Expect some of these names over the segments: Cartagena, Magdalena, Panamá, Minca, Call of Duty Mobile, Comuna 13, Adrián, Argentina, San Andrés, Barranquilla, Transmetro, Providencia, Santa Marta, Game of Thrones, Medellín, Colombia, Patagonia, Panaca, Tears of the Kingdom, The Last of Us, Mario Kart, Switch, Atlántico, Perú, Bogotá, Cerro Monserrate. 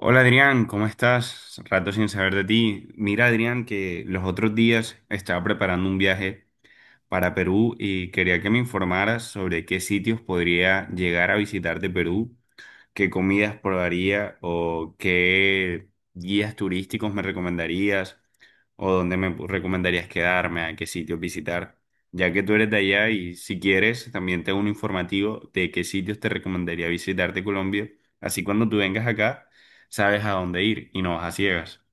Hola Adrián, ¿cómo estás? Rato sin saber de ti. Mira Adrián, que los otros días estaba preparando un viaje para Perú y quería que me informaras sobre qué sitios podría llegar a visitar de Perú. ¿Qué comidas probaría o qué guías turísticos me recomendarías o dónde me recomendarías quedarme, a qué sitios visitar? Ya que tú eres de allá y si quieres, también tengo un informativo de qué sitios te recomendaría visitar de Colombia. Así cuando tú vengas acá, sabes a dónde ir y no vas a ciegas.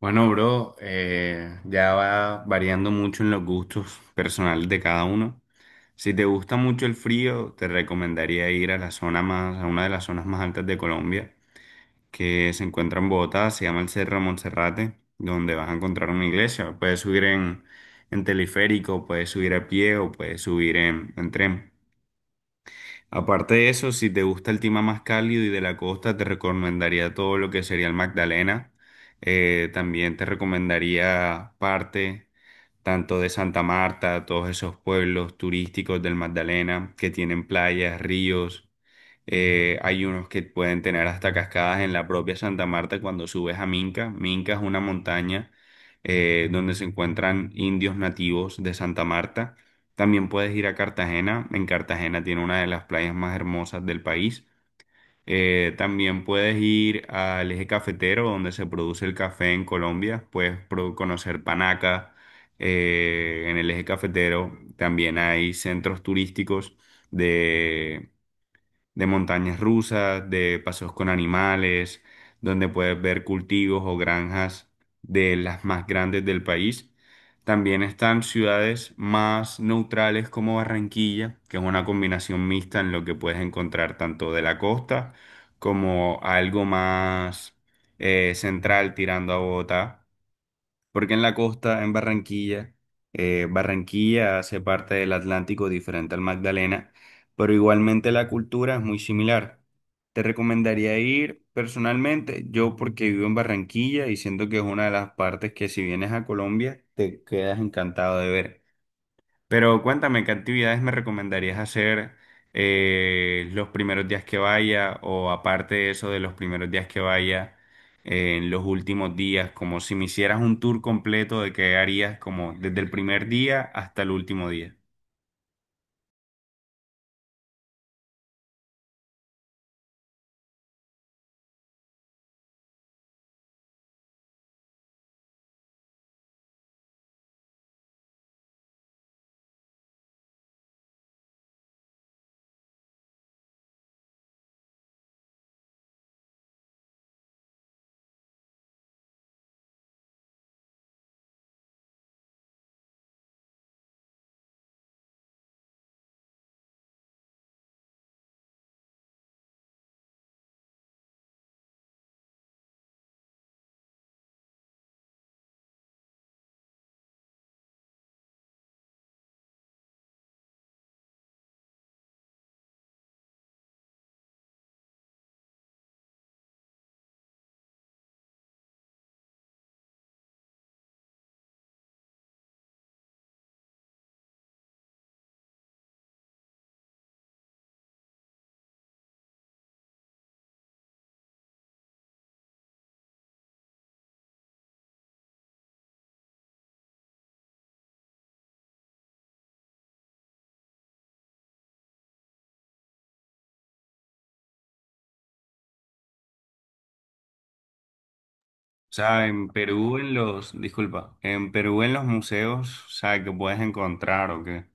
Bueno, bro, ya va variando mucho en los gustos personales de cada uno. Si te gusta mucho el frío, te recomendaría ir a la zona más, a una de las zonas más altas de Colombia, que se encuentra en Bogotá, se llama el Cerro Monserrate, donde vas a encontrar una iglesia. Puedes subir en teleférico, puedes subir a pie o puedes subir en tren. Aparte de eso, si te gusta el clima más cálido y de la costa, te recomendaría todo lo que sería el Magdalena. También te recomendaría parte tanto de Santa Marta, todos esos pueblos turísticos del Magdalena que tienen playas, ríos. Hay unos que pueden tener hasta cascadas en la propia Santa Marta cuando subes a Minca. Minca es una montaña donde se encuentran indios nativos de Santa Marta. También puedes ir a Cartagena. En Cartagena tiene una de las playas más hermosas del país. También puedes ir al eje cafetero donde se produce el café en Colombia. Puedes conocer Panaca. En el eje cafetero también hay centros turísticos de montañas rusas, de paseos con animales, donde puedes ver cultivos o granjas de las más grandes del país. También están ciudades más neutrales como Barranquilla, que es una combinación mixta en lo que puedes encontrar tanto de la costa como algo más central tirando a Bogotá. Porque en la costa, en Barranquilla, Barranquilla hace parte del Atlántico diferente al Magdalena, pero igualmente la cultura es muy similar. Te recomendaría ir personalmente, yo porque vivo en Barranquilla y siento que es una de las partes que si vienes a Colombia te quedas encantado de ver. Pero cuéntame, ¿qué actividades me recomendarías hacer los primeros días que vaya o aparte de eso de los primeros días que vaya, en los últimos días, como si me hicieras un tour completo de qué harías como desde el primer día hasta el último día? O sea, en Perú, en los, disculpa, en Perú, en los museos, o sea, ¿que puedes encontrar o qué?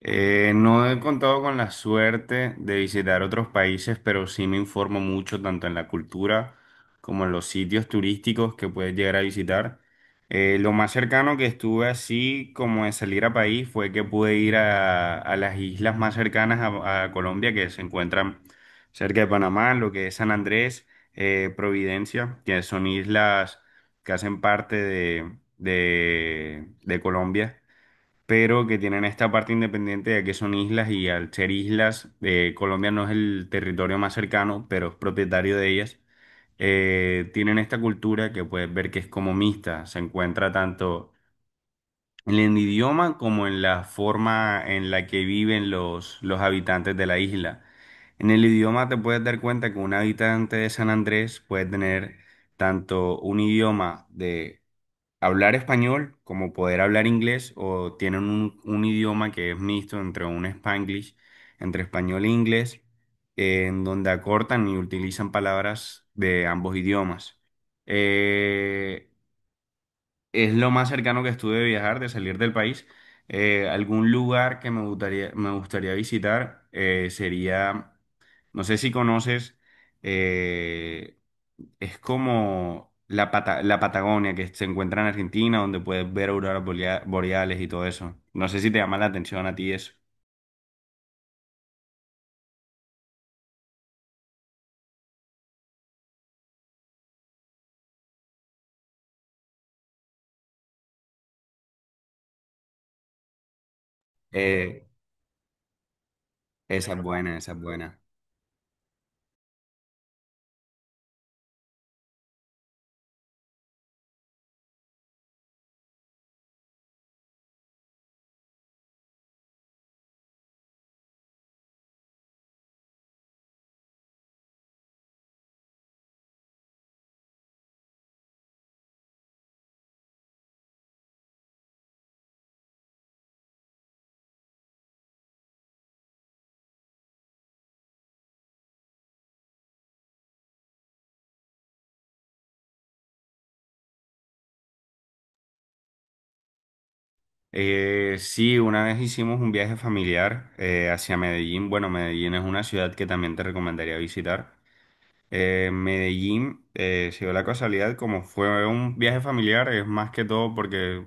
No he contado con la suerte de visitar otros países, pero sí me informo mucho tanto en la cultura como en los sitios turísticos que puedes llegar a visitar. Lo más cercano que estuve así como de salir a país fue que pude ir a las islas más cercanas a Colombia que se encuentran cerca de Panamá, lo que es San Andrés, Providencia, que son islas que hacen parte de, de Colombia pero que tienen esta parte independiente de que son islas y al ser islas, Colombia no es el territorio más cercano, pero es propietario de ellas. Tienen esta cultura que puedes ver que es como mixta, se encuentra tanto en el idioma como en la forma en la que viven los habitantes de la isla. En el idioma te puedes dar cuenta que un habitante de San Andrés puede tener tanto un idioma de hablar español como poder hablar inglés o tienen un idioma que es mixto entre un Spanglish, entre español e inglés, en donde acortan y utilizan palabras de ambos idiomas. Eh, es lo más cercano que estuve de viajar, de salir del país. Algún lugar que me gustaría visitar sería, no sé si conoces, eh, es como la, la Patagonia que se encuentra en Argentina, donde puedes ver auroras boreales y todo eso. No sé si te llama la atención a ti eso. Eh, Esa es buena, esa es buena. Sí, una vez hicimos un viaje familiar hacia Medellín. Bueno, Medellín es una ciudad que también te recomendaría visitar. Medellín, se dio la casualidad, como fue un viaje familiar, es más que todo porque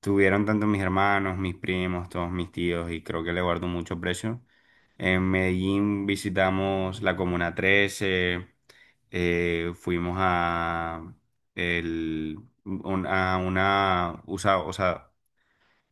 tuvieron tanto mis hermanos, mis primos, todos mis tíos y creo que le guardo mucho precio. En Medellín visitamos la Comuna 13, fuimos a, el, a una, o sea,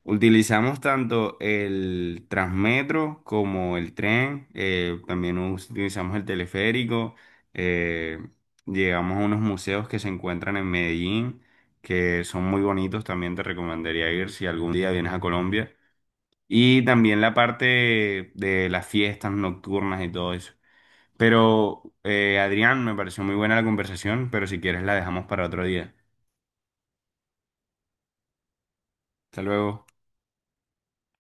utilizamos tanto el Transmetro como el tren, también utilizamos el teleférico, eh, llegamos a unos museos que se encuentran en Medellín, que son muy bonitos, también te recomendaría ir si algún día vienes a Colombia, y también la parte de las fiestas nocturnas y todo eso. Pero, Adrián, me pareció muy buena la conversación, pero si quieres la dejamos para otro día. Hasta luego.